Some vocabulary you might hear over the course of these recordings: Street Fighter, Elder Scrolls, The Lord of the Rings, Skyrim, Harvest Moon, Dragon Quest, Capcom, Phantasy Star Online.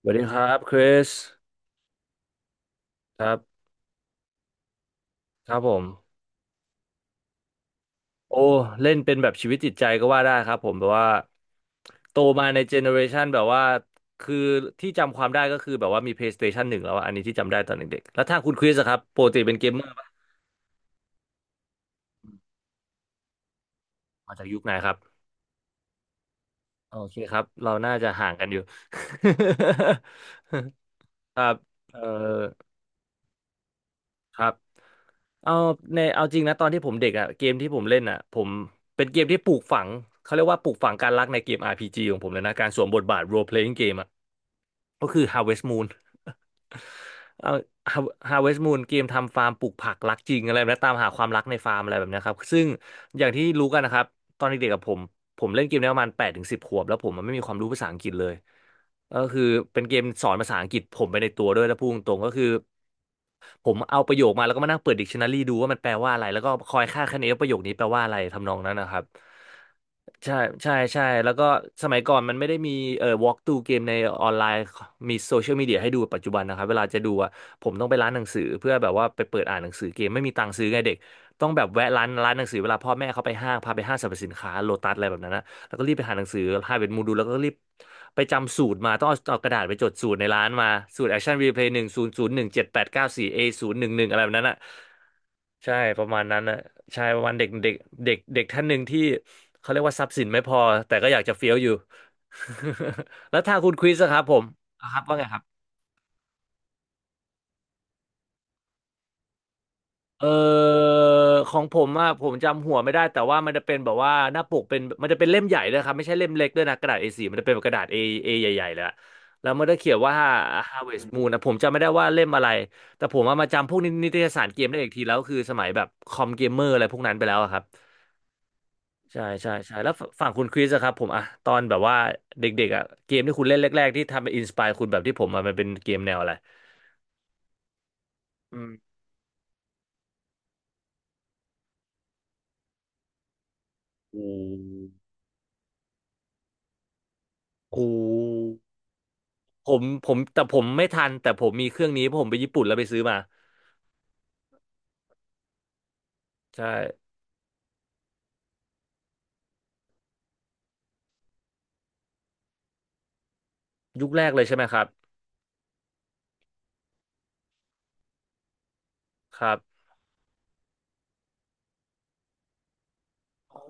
สวัสดีครับคริสครับครับผมโอ้เล่นเป็นแบบชีวิตจิตใจก็ว่าได้ครับผมแบบว่าโตมาในเจเนอเรชันแบบว่าคือที่จำความได้ก็คือแบบว่ามี PlayStation 1แล้วอะอันนี้ที่จำได้ตอนเด็กๆแล้วทางคุณคริสอะครับปกติเป็นเกมเมอร์ปะมาจากยุคไหนครับโอเคครับเราน่าจะห่างกันอยู่ ครับเอ่อครับ เอาในเอาจริงนะตอนที่ผมเด็กอ่ะเกมที่ผมเล่นอ่ะผมเป็นเกมที่ปลูกฝังเขาเรียกว่าปลูกฝังการรักในเกม RPG ของผมเลยนะการสวมบทบาท role playing game อ่ะก็คือ Harvest Moon เอา Harvest Moon เกมทำฟาร์มปลูกผักรักจริงอะไรแบบนะตามหาความรักในฟาร์มอะไรแบบเนี้ยครับซึ่งอย่างที่รู้กันนะครับตอนเด็กๆกับผม ผมเล่นเกมนี้ประมาณ8 ถึง 10 ขวบแล้วผมมันไม่มีความรู้ภาษาอังกฤษเลยก็คือเป็นเกมสอนภาษาอังกฤษผมไปในตัวด้วยแล้วพูดตรงๆก็คือผมเอาประโยคมาแล้วก็มานั่งเปิดดิกชันนารีดูว่ามันแปลว่าอะไรแล้วก็คอยคาดคะเนว่าประโยคนี้แปลว่าอะไรทำนองนั้นนะครับใช่ใช่ใช่แล้วก็สมัยก่อนมันไม่ได้มีwalk through เกมในออนไลน์มีโซเชียลมีเดียให้ดูปัจจุบันนะครับเวลาจะดูอะผมต้องไปร้านหนังสือเพื่อแบบว่าไปเปิดอ่านหนังสือเกมไม่มีตังค์ซื้อไงเด็ก ต้องแบบแวะร้านหนังสือเวลาพ่อแม่เขาไปห้างพาไปห้างสรรพสินค้าโลตัสอะไรแบบนั้นนะแล้วก็รีบไปหาหนังสือหาเป็นมูดูแล้วก็รีบไปจำสูตรมาต้องเอากระดาษไปจดสูตรในร้านมาสูตรแอคชั่น e ีเพย์หนึ่งศูนย์ศูนย์หนึ่งเจ็ดแปดเก้าสี่เอศูนย์หนึ่งหนึ่งอะไรแบบนั้นอ่ะใช่ประมาณนั้นนะใช่ประมาณเด็กเด็กเด็กเด็กท่านหนึ่งที่เขาเรียกว่าทรัพย์สินไม่พอแต่ก็อยากจะเฟี้ยวอยู่ แล้วถ้างคุณคริสอะครับผมอ่ะครับว่าไงครับ เออของผมอ่ะผมจำหัวไม่ได้แต่ว่ามันจะเป็นแบบว่าหน้าปกเป็นมันจะเป็นเล่มใหญ่ด้วยครับไม่ใช่เล่มเล็กด้วยนะกระดาษ A4 มันจะเป็นแบบกระดาษ A ใหญ่ๆเลยอะแล้วมันก็เขียนว่า Harvest Moon นะผมจำไม่ได้ว่าเล่มอะไรแต่ผมว่ามาจำพวกนิตยสารเกมได้อีกทีแล้วคือสมัยแบบคอมเกมเมอร์อะไรพวกนั้นไปแล้วอะครับใช่ใช่ใช่แล้วฝั่งคุณคริสอะครับผมอะตอนแบบว่าเด็กๆอะเกมที่คุณเล่นแรกๆที่ทำเป็นอินสปายคุณแบบที่ผมอะมันเป็นเกมแนวอะไรอืมกูกู ผมแต่ผมไม่ทันแต่ผมมีเครื่องนี้เพราะผมไปญี่ปุ่นแล้วไปซื้อมาใช่ยุคแรกเลยใช่ไหมครับครับอ๋อ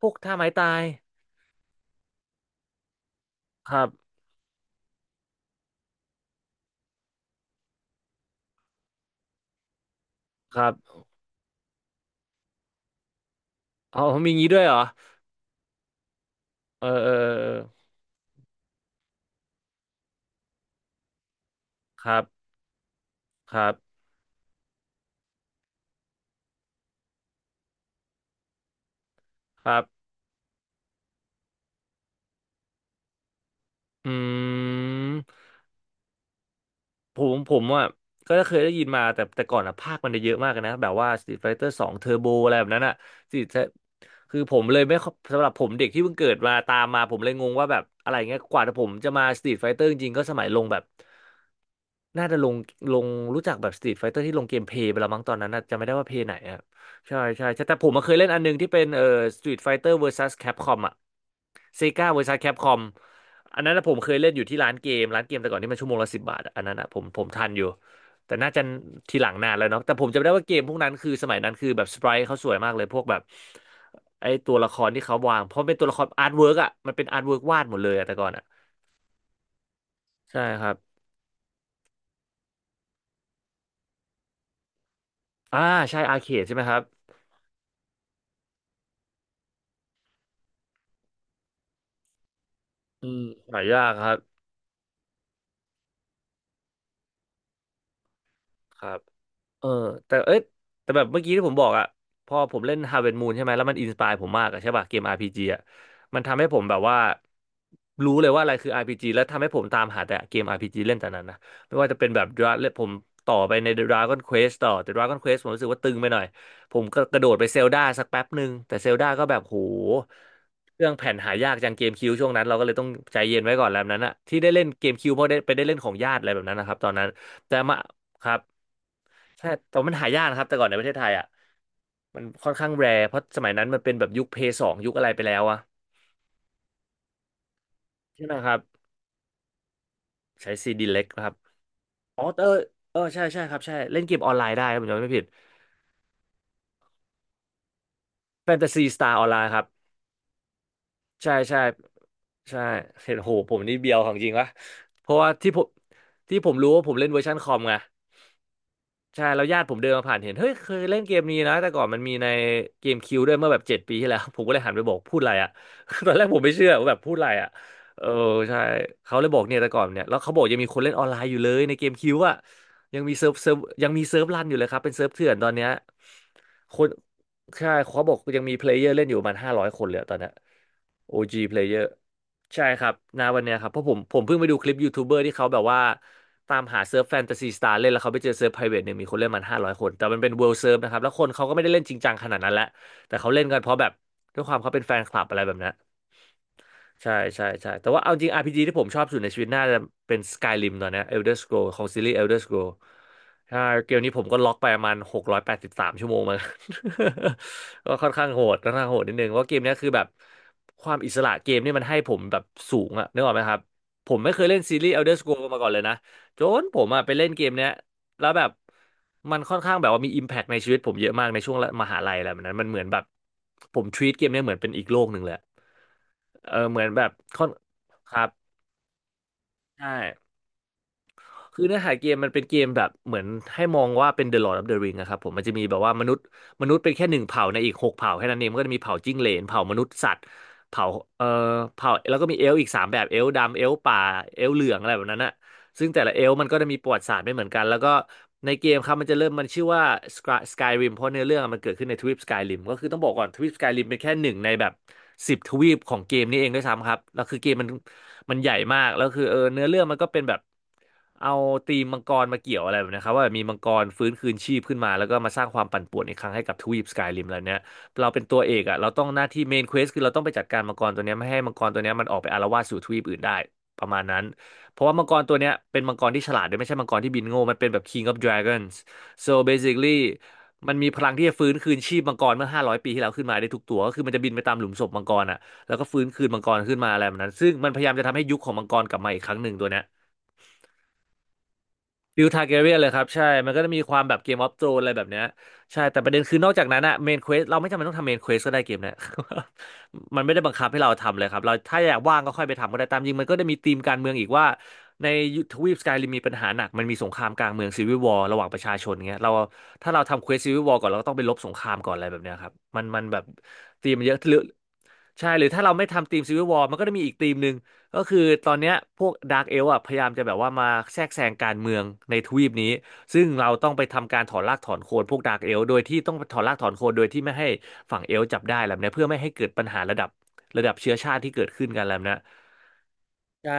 พวกท่าไม้ตายครับครับอ๋อมีงี้ด้วยเหรอเออเออเออครับครับครับอืม ผมอ่ะก็เคยได้ยินมาแต่แต่ก่อนอ่ะภาคมันจะเยอะมากเลยนะแบบว่า Street Fighter 2 Turbo อะไรแบบนั้นอ่ะสิคือผมเลยไม่ค่อยสำหรับผมเด็กที่เพิ่งเกิดมาตามมาผมเลยงงว่าแบบอะไรเงี้ยกว่าผมจะมา Street Fighter จริงๆก็สมัยลงแบบน่าจะลงลงรู้จักแบบ Street Fighter ที่ลงเกมเพลย์ไปแล้วมั้งตอนนั้นนะจำไม่ได้ว่าเพลย์ไหนอ่ะใช่ใช่ใช่แต่ผมมาเคยเล่นอันหนึงที่เป็นStreet Fighter vs Capcom อ่ะ Sega vs Capcom อันนั้นนะผมเคยเล่นอยู่ที่ร้านเกมแต่ก่อนที่มันชั่วโมงละ10 บาทอะอันนั้นอะผมทันอยู่แต่น่าจะทีหลังนานแล้วเนาะแต่ผมจำได้ว่าเกมพวกนั้นคือสมัยนั้นคือแบบสไปรท์เขาสวยมากเลยพวกแบบไอตัวละครที่เขาวางเพราะเป็นตัวละครอาร์ตเวิร์กอ่ะมันเป็นอาร์ตเวิร์กวาดหมดเลยอะแต่ก่อนอ่ะใช่ครับอ่าใช่อาร์เคดใช่ไหมครับอืมหายากครับครับ เออแต่เอ้ยแต่แบบเมื่อกี้ที่ผมบอกอะพอผมเล่น Harvest Moon ใช่ไหมแล้วมันอินสปายผมมากอะใช่ป่ะเกม RPG อะมันทำให้ผมแบบว่ารู้เลยว่าอะไรคือ RPG แล้วทำให้ผมตามหาแต่เกม RPG เล่นแต่นั้นนะไม่ว่าจะเป็นแบบ ผมต่อไปใน Dragon Quest ต่อแต่ Dragon Quest ผมรู้สึกว่าตึงไปหน่อยผมก็กระโดดไปเซลดาสักแป๊บหนึ่งแต่เซลดาก็แบบโหเครื่องแผ่นหายากจังเกมคิวช่วงนั้นเราก็เลยต้องใจเย็นไว้ก่อนแล้วนั้นอะที่ได้เล่นเกมคิวเพราะได้ไปได้เล่นของญาติอะไรแบบนั้นนะครับตอนนั้นแต่มาครับ ใช่ แต่ว่ามันหายากนะครับ แต่ก่อนในประเทศไทยอ่ะมันค่อนข้างแรร์เพราะสมัยนั้นมันเป็นแบบยุคเพย์สองยุคอะไรไปแล้วอะใช่ไหมครับ ใช้ซีดีเล็กครับอ๋อเออเออใช่ใช่ครับใช่เล่นเกมออนไลน์ได้ครับผมจำไม่ผิดแฟนตาซีสตาร์ออนไลน์ครับใช่ใช่ใช่เห็นโหผมนี่เบียวของจริงวะ เพราะว่าที่ผมรู้ว่าผมเล่นเวอร์ชันคอมไง ใช่แล้วญาติผมเดินมาผ่านเห็นเฮ้ยเคยเล่นเกมนี้นะแต่ก่อนมันมีในเกมคิวด้วยเมื่อแบบ7 ปีที่แล้ว ผมก็เลยหันไปบอกพูดอะไรอ่ะ ตอนแรกผมไม่เชื่อว่าแบบพูดอะไรอ่ะเออใช่เขาเลยบอกเนี่ยแต่ก่อนเนี่ยแล้วเขาบอกยังมีคนเล่นออนไลน์อยู่เลยในเกมคิวอ่ะยังมีเซิร์ฟยังมีเซิร์ฟรันอยู่เลยครับเป็นเซิร์ฟเถื่อนตอนเนี้ยคน ใช่เขาบอกยังมีเพลเยอร์เล่นอยู่ประมาณห้าร้อยคนเลยอะตอนเนี้ย OG player ใช่ครับณวันเนี้ยครับเพราะผมเพิ่งไปดูคลิปยูทูบเบอร์ที่เขาแบบว่าตามหาเซิร์ฟแฟนตาซีสตาร์เล่นแล้วเขาไปเจอเซิร์ฟไพรเวทหนึ่งมีคนเล่นมันห้าร้อยคนแต่มันเป็นเวิลด์เซิร์ฟนะครับแล้วคนเขาก็ไม่ได้เล่นจริงจังขนาดนั้นแหละแต่เขาเล่นกันเพราะแบบด้วยความเขาเป็นแฟนคลับอะไรแบบนั้น ใช่ใช่ใช่แต่ว่าเอาจริง RPG ที่ผมชอบสุดในชีวิตน่าจะเป็น Skyrim ตอนเนี้ย Elder Scroll ของซีรีส์ Elder Scroll ใช่เกมนี้ผมก็ล็อกไปประมาณ683 ชั่วโมงมา ก็ค่อนข้างโหดค่อนข้างโหดนิดนึงเพราะเกมเนี้ยคือแบบความอิสระเกมนี่มันให้ผมแบบสูงอะนึกออกไหมครับผมไม่เคยเล่นซีรีส์ Elder Scroll มาก่อนเลยนะจนผมอะไปเล่นเกมเนี้ย แล้วแบบมันค่อนข้างแบบว่ามีอิมแพคในชีวิตผมเยอะมากในช่วงมหาลัยอะไรแบบนั้นมันเหมือนแบบผม treat เกมเนี้ยเหมือนเป็นอีกโลกหนึ่งเลยเออเหมือนแบบค่อนครับใช่คือเนื้อหาเกมมันเป็นเกมแบบเหมือนให้มองว่าเป็น The Lord of the Ring นะครับผมมันจะมีแบบว่ามนุษย์เป็นแค่หนึ่งเผ่าในอีก6 เผ่าแค่นั้นเองมันก็จะมีเผ่าจิ้งเหลนเผ่ามนุษย์สัตว์เผ่าเอ่อเผ่าแล้วก็มีเอลฟ์อีกสามแบบเอลฟ์ดำเอลฟ์ป่าเอลฟ์เหลืองอะไรแบบนั้นอะ ซึ่งแต่ละเอลฟ์มันก็จะมีประวัติศาสตร์ไม่เหมือนกันแล้วก็ในเกมครับมันจะเริ่มมันชื่อว่า Skyrim เพราะเนื้อเรื่องอะมันเกิดขึ้นในทวีป Skyrim ก็คือต้องบอกก่อนทวีป Skyrim เป็นแค่หนึ่งในแบบ10 ทวีปของเกมนี้เองด้วยซ้ำครับแล้วคือเกมมันใหญ่มากแล้วคือเออเนื้อเรื่องมันก็เป็นแบบเอาธีมมังกรมาเกี่ยวอะไรแบบนี้ครับว่าแบบมีมังกรฟื้นคืนชีพขึ้นมาแล้วก็มาสร้างความปั่นป่วนอีกครั้งให้กับทวีปสกายริมแล้วเนี้ยเราเป็นตัวเอกอ่ะเราต้องหน้าที่เมนเควสคือเราต้องไปจัดการมังกรตัวเนี้ยไม่ให้มังกรตัวเนี้ยมันออกไปอาละวาดสู่ทวีปอื่นได้ประมาณนั้น เพราะว่ามังกรตัวเนี้ยเป็นมังกรที่ฉลาดด้วยไม่ใช่มังกรที่บินโง่มันเป็นแบบ King of Dragons so basically มันมีพลังที่จะฟื้นคืนชีพมังกรเมื่อ500ปีที่แล้วขึ้นมาได้ทุกตัวก็คือมันจะบินไปตามหลุมศพมังกรอ่ะแล้วก็ฟื้นคืนมังกรขึ้นมาอะไรแบบนั้นซึ่งมันพยายามจะทำให้ยุคของมังกรกลับมาอีกครั้งหนึ่งตัวเนี้ย ฟิลทาร์แกเรียนเลยครับใช่มันก็จะมีความแบบเกมออฟโ r รนอะไรแบบเนี้ยใช่แต่ประเด็นคือนอกจากนั้นอะเมนเควสเราไม่จำเป็นต้องทำเมนเควสก็ได้เกมเนี้ย มันไม่ได้บังคับให้เราทำเลยครับเราถ้าอยากว่างก็ค่อยไปทำก็ได้ตามจริงมันก็ได้มีธีมการเมืองอีกว่าในทวีปสกายริมมีปัญหาหนักมันมีสงครามกลางเมืองซีวิววอร์ระหว่างประชาชนเงี้ยเราถ้าเราทำเควสซีวิววอร์ก่อนเราก็ต้องไปลบสงครามก่อนอะไรแบบเนี้ยครับมันแบบธีมมันเยอะหรือใช่หรือถ้าเราไม่ทำธีมซีวิววอร์มันก็จะมีอีกธีมหนึ่ง ก็คือตอนเนี้ยพวกดาร์กเอลฟ์อ่ะพยายามจะแบบว่ามาแทรกแซงการเมืองในทวีปนี้ซึ่งเราต้องไปทำการถอนรากถอนโคนพวกดาร์กเอลฟ์โดยที่ต้องถอนรากถอนโคนโดยที่ไม่ให้ฝั่งเอลฟ์จับได้แล้วเนี่ยเพื่อไม่ให้เกิดปัญหาระดับระดับเชื้อชาติที่เกิดขึ้นกันแล้วนะ ใช่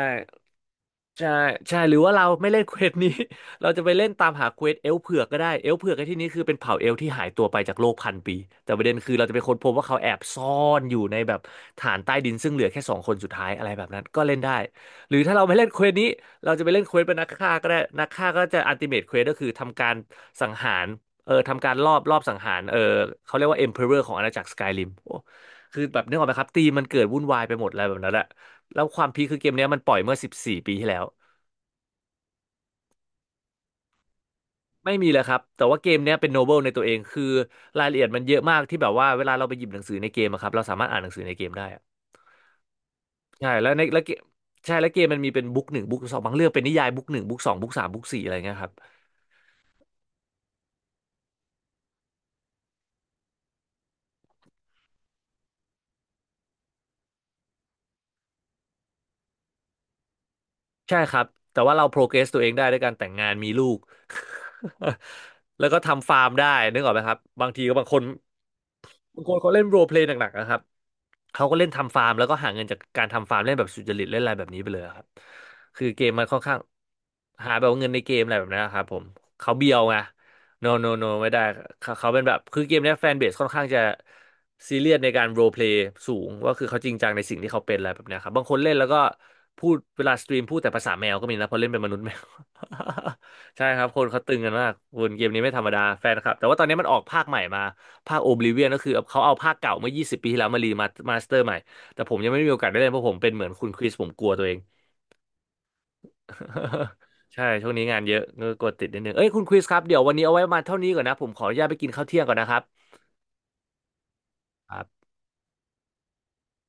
ใช่ใช่หรือว่าเราไม่เล่นเควสนี้ เราจะไปเล่นตามหาเควสเอลฟ์เผือกก็ได้เอลฟ์เผือกในที่นี้คือเป็นเผ่าเอลฟ์ที่หายตัวไปจากโลกพันปีแต่ประเด็นคือเราจะไปค้นพบว่าเขาแอบซ่อนอยู่ในแบบฐานใต้ดินซึ่งเหลือแค่สองคนสุดท้ายอะไรแบบนั้นก็เล่นได้หรือถ้าเราไม่เล่นเควสนี้เราจะไปเล่นเควสเป็นนักฆ่าก็ได้นักฆ่าก็จะอัลติเมทเควสก็คือทำการสังหารเออทำการรอบสังหารเออเขาเรียกว่าเอ็มเพอเรอร์ของอาณาจักรสกายริมโอ้คือแบบนึกออกไหมครับตีมมันเกิดวุ่นวายไปหมดอะไรแบบนั้นแหละ แล้วความพีคคือเกมเนี้ยมันปล่อยเมื่อ14ปีที่แล้วไม่มีเลยครับแต่ว่าเกมเนี้ยเป็นโนเบิลในตัวเองคือรายละเอียดมันเยอะมากที่แบบว่าเวลาเราไปหยิบหนังสือในเกมอะครับเราสามารถอ่านหนังสือในเกมได้อะใช่แล้วในแล้วเกมใช่แล้วเกมมันมีเป็นบุ๊กหนึ่งบุ๊กสองบางเรื่องเป็นนิยายบุ๊กหนึ่งบุ๊กสองบุ๊กสามบุ๊กสี่อะไรเงี้ยครับใช่ครับแต่ว่าเราโปรเกรสตัวเองได้ด้วยการแต่งงานมีลูก แล้วก็ทำฟาร์มได้นึกออกไหมครับบางทีก็บางคน บางคนเขาเล่นโรลเพลย์หนักๆนะครับเขาก็เล่นทำฟาร์มแล้วก็หาเงินจากการทำฟาร์มเล่นแบบสุจริตเล่นอะไรแบบนี้ไปเลยอะครับคือเกมมันค่อนข้างหาแบบเงินในเกมอะไรแบบนั้นนะครับผมเขาเบียวไง no no no ไม่ได้เขาเป็นแบบคือเกมเนี้ยแฟนเบสค่อนข้างจะซีเรียสในการโรลเพลย์สูงว่าคือเขาจริงจังในสิ่งที่เขาเป็นอะไรแบบเนี้ยครับบางคนเล่นแล้วก็พูดเวลาสตรีมพูดแต่ภาษาแมวก็มีนะเพราะเล่นเป็นมนุษย์แมว ใช่ครับคนเขาตึงกันมากวนเกมนี้ไม่ธรรมดาแฟนครับแต่ว่าตอนนี้มันออกภาคใหม่มา ภาคโอบลิเวียนก็คือเขาเอาภาคเก่าเมื่อ 20 ปีที่แล้วมารีมามาสเตอร์ใหม่ แต่ผมยังไม่มีโอกาสได้เล่นเพราะผมเป็นเหมือนคุณคริสผมกลัวตัวเอง ใช่ช่วงนี้งานเยอะก็กลัวติดนิดนึงเอ้ยคุณคริสครับเดี๋ยววันนี้เอาไว้ประมาณเท่านี้ก่อนนะผมขออนุญาตไปกินข้าวเที่ยงก่อนนะครับ